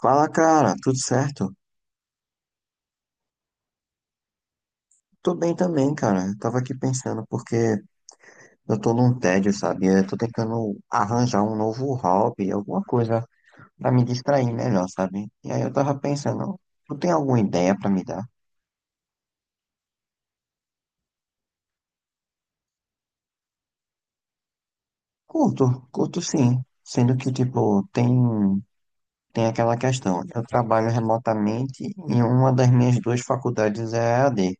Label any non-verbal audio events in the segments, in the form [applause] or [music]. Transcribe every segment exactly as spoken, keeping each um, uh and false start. Fala, cara, tudo certo? Tô bem também, cara. Eu tava aqui pensando porque eu tô num tédio, sabe? Eu tô tentando arranjar um novo hobby, alguma coisa pra me distrair melhor, sabe? E aí eu tava pensando, tu tem alguma ideia pra me dar? Curto, curto sim. Sendo que, tipo, tem, tem aquela questão. Eu trabalho remotamente e uma das minhas duas faculdades é E a d.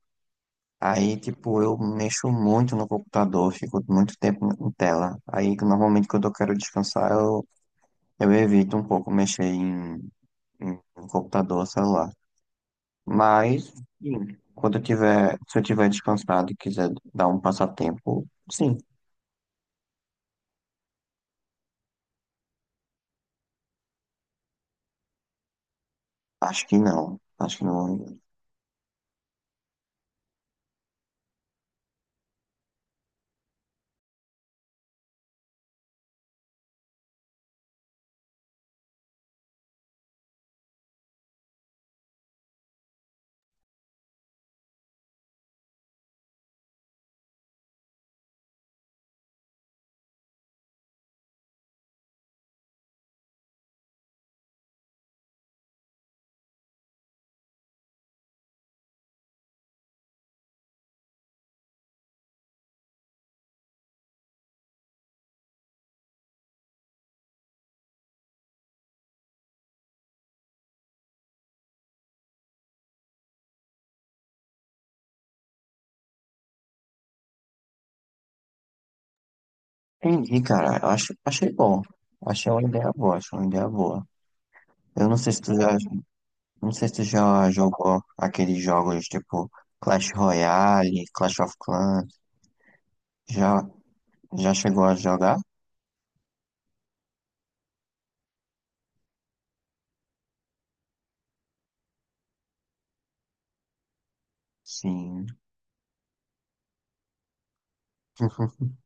Aí, tipo, eu mexo muito no computador, fico muito tempo em tela. Aí, normalmente, quando eu quero descansar, eu, eu evito um pouco mexer em, em, em computador, celular. Mas, sim, quando eu tiver, se eu tiver descansado e quiser dar um passatempo, sim, acho que não. Acho que não. Entendi, cara. Eu acho, achei bom. Achei uma ideia boa, achei uma ideia boa. Eu não sei se tu já, não sei se tu já jogou aqueles jogos, tipo, Clash Royale, Clash of Clans. Já, já chegou a jogar? Sim. [laughs]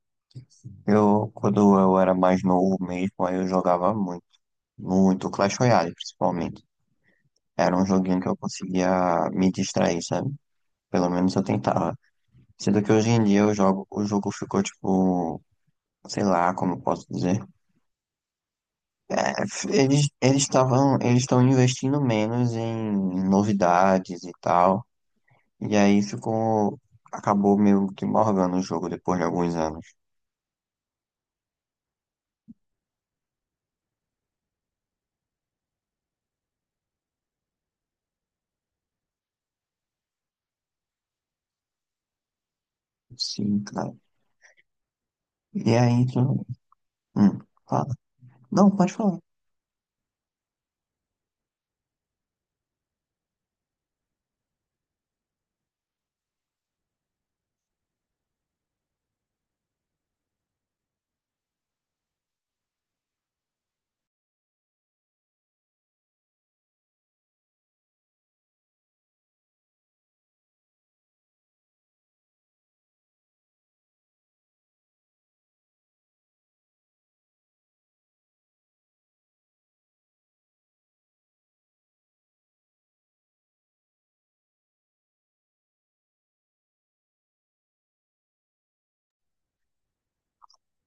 Eu, quando eu era mais novo mesmo, aí eu jogava muito. Muito Clash Royale, principalmente. Era um joguinho que eu conseguia me distrair, sabe? Pelo menos eu tentava. Sendo que hoje em dia eu jogo, o jogo ficou tipo, sei lá como eu posso dizer. É, f- eles eles estavam, eles estão investindo menos em novidades e tal. E aí ficou, acabou meio que morgando o jogo depois de alguns anos. Sim, cara. E aí, tu... hum, fala. Não, pode falar.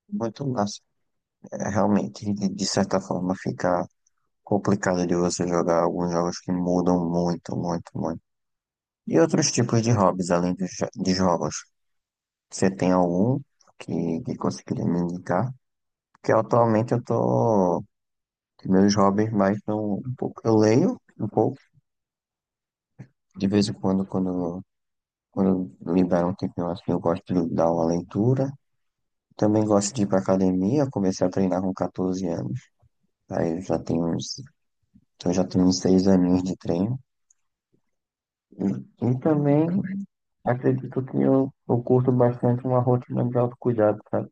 Muito massa. É, realmente, de certa forma, fica complicado de você jogar alguns jogos que mudam muito, muito, muito. E outros tipos de hobbies, além dos, jo- de jogos. Você tem algum que, que conseguiria me indicar? Porque atualmente eu tô... que meus hobbies mais são um pouco... Eu leio um pouco. De vez em quando, quando, quando me dá um tempinho assim, eu gosto de dar uma leitura. Também gosto de ir pra academia, eu comecei a treinar com catorze anos. Aí eu já tenho uns, então eu já tenho uns seis aninhos de treino. E, e também acredito que eu, eu curto bastante uma rotina de autocuidado, sabe?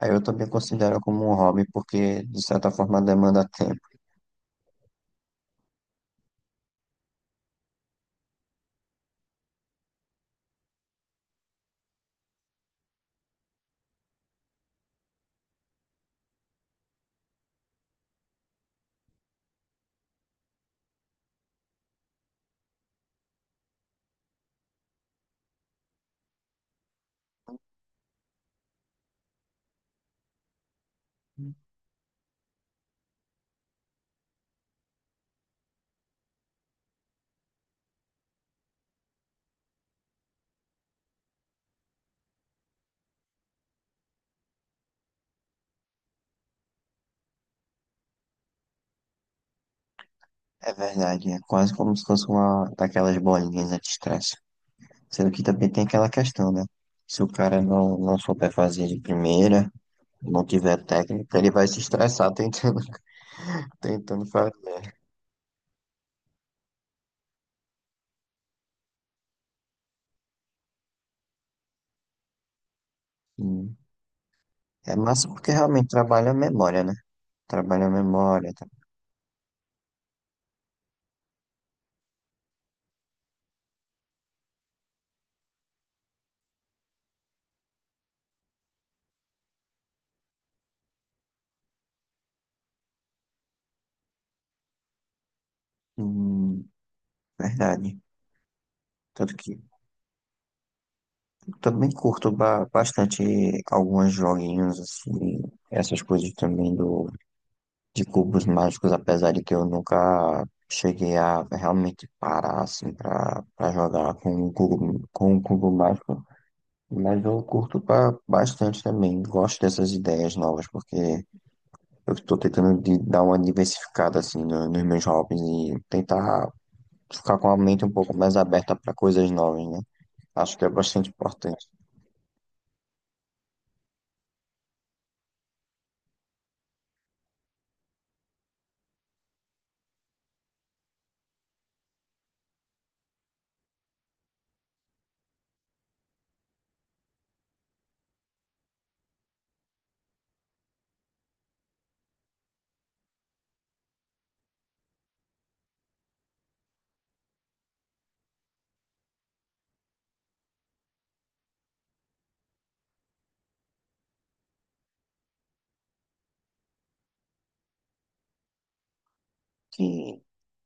Aí eu também considero como um hobby, porque de certa forma demanda tempo. É verdade, é quase como se fosse uma daquelas bolinhas né, de estresse. Sendo que também tem aquela questão, né? Se o cara não, não souber fazer de primeira, não tiver técnica, ele vai se estressar tentando, [laughs] tentando fazer. Sim. É massa porque realmente trabalha a memória, né? Trabalha a memória, tá? Hum, verdade. Tanto que eu também curto ba- bastante alguns joguinhos, assim, essas coisas também do, de cubos mágicos, apesar de que eu nunca cheguei a realmente parar, assim, pra, pra jogar com um cubo, com um cubo mágico. Mas eu curto ba- bastante também. Gosto dessas ideias novas, porque eu estou tentando de dar uma diversificada assim no- nos meus hobbies e tentar ficar com a mente um pouco mais aberta para coisas novas, né? Acho que é bastante importante. Que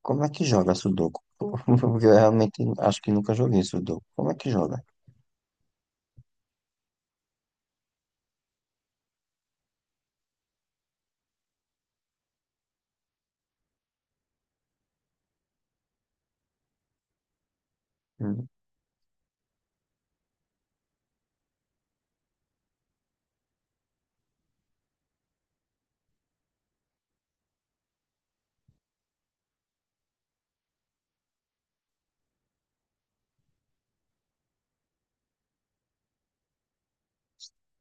como é que joga Sudoku? [laughs] Eu realmente acho que nunca joguei Sudoku. Como é que joga? Hum.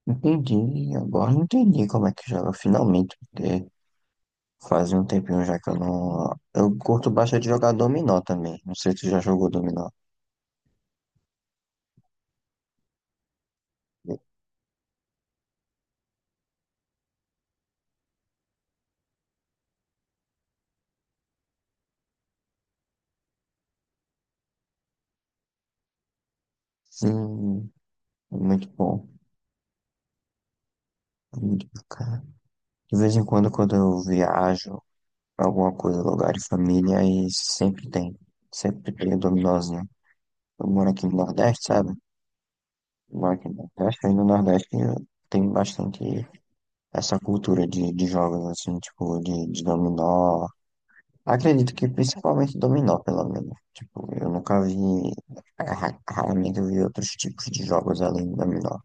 Entendi, agora eu entendi como é que joga, finalmente, porque faz um tempinho já que eu não. Eu curto bastante jogar dominó também. Não sei se tu já jogou dominó. Sim, é muito bom. É muito bacana. De vez em quando, quando eu viajo pra alguma coisa, lugar de família, aí sempre tem. Sempre tem o dominós, né. Eu moro aqui no Nordeste, sabe? Eu moro aqui no Nordeste, aí no Nordeste tem bastante essa cultura de, de jogos, assim, tipo, de, de dominó. Acredito que principalmente dominó, pelo menos. Tipo, eu nunca vi, é, ra- raramente eu vi outros tipos de jogos além do dominó.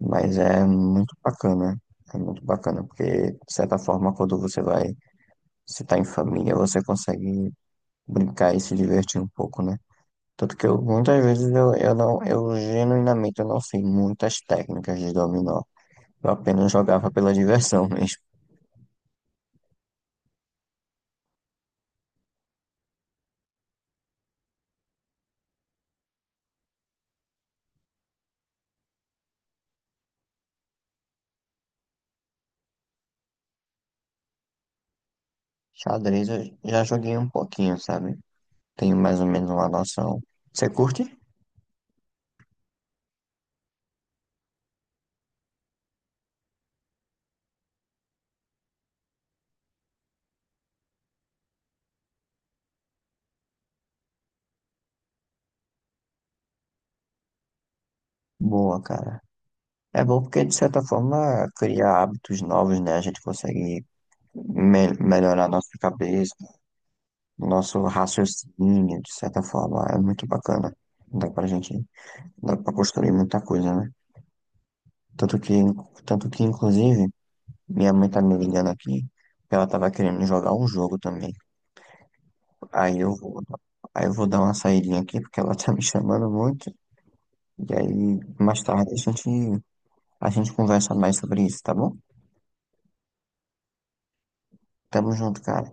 Mas é muito bacana. É muito bacana, porque, de certa forma, quando você vai se tá em família, você consegue brincar e se divertir um pouco, né? Tanto que eu, muitas vezes eu, eu não, eu genuinamente eu não sei muitas técnicas de dominó. Eu apenas jogava pela diversão [laughs] mesmo. Xadrez eu já joguei um pouquinho, sabe? Tenho mais ou menos uma noção. Você curte? Boa, cara. É bom porque, de certa forma, cria hábitos novos, né? A gente consegue me melhorar nossa cabeça, nosso raciocínio, de certa forma. É muito bacana. Dá pra gente dá pra construir muita coisa, né? Tanto que, tanto que, inclusive, minha mãe tá me ligando aqui, que ela tava querendo jogar um jogo também. Aí eu vou, aí eu vou dar uma saidinha aqui, porque ela [laughs] tá me chamando muito. E aí, mais tarde, a gente, a gente conversa mais sobre isso, tá bom? Tamo junto, cara.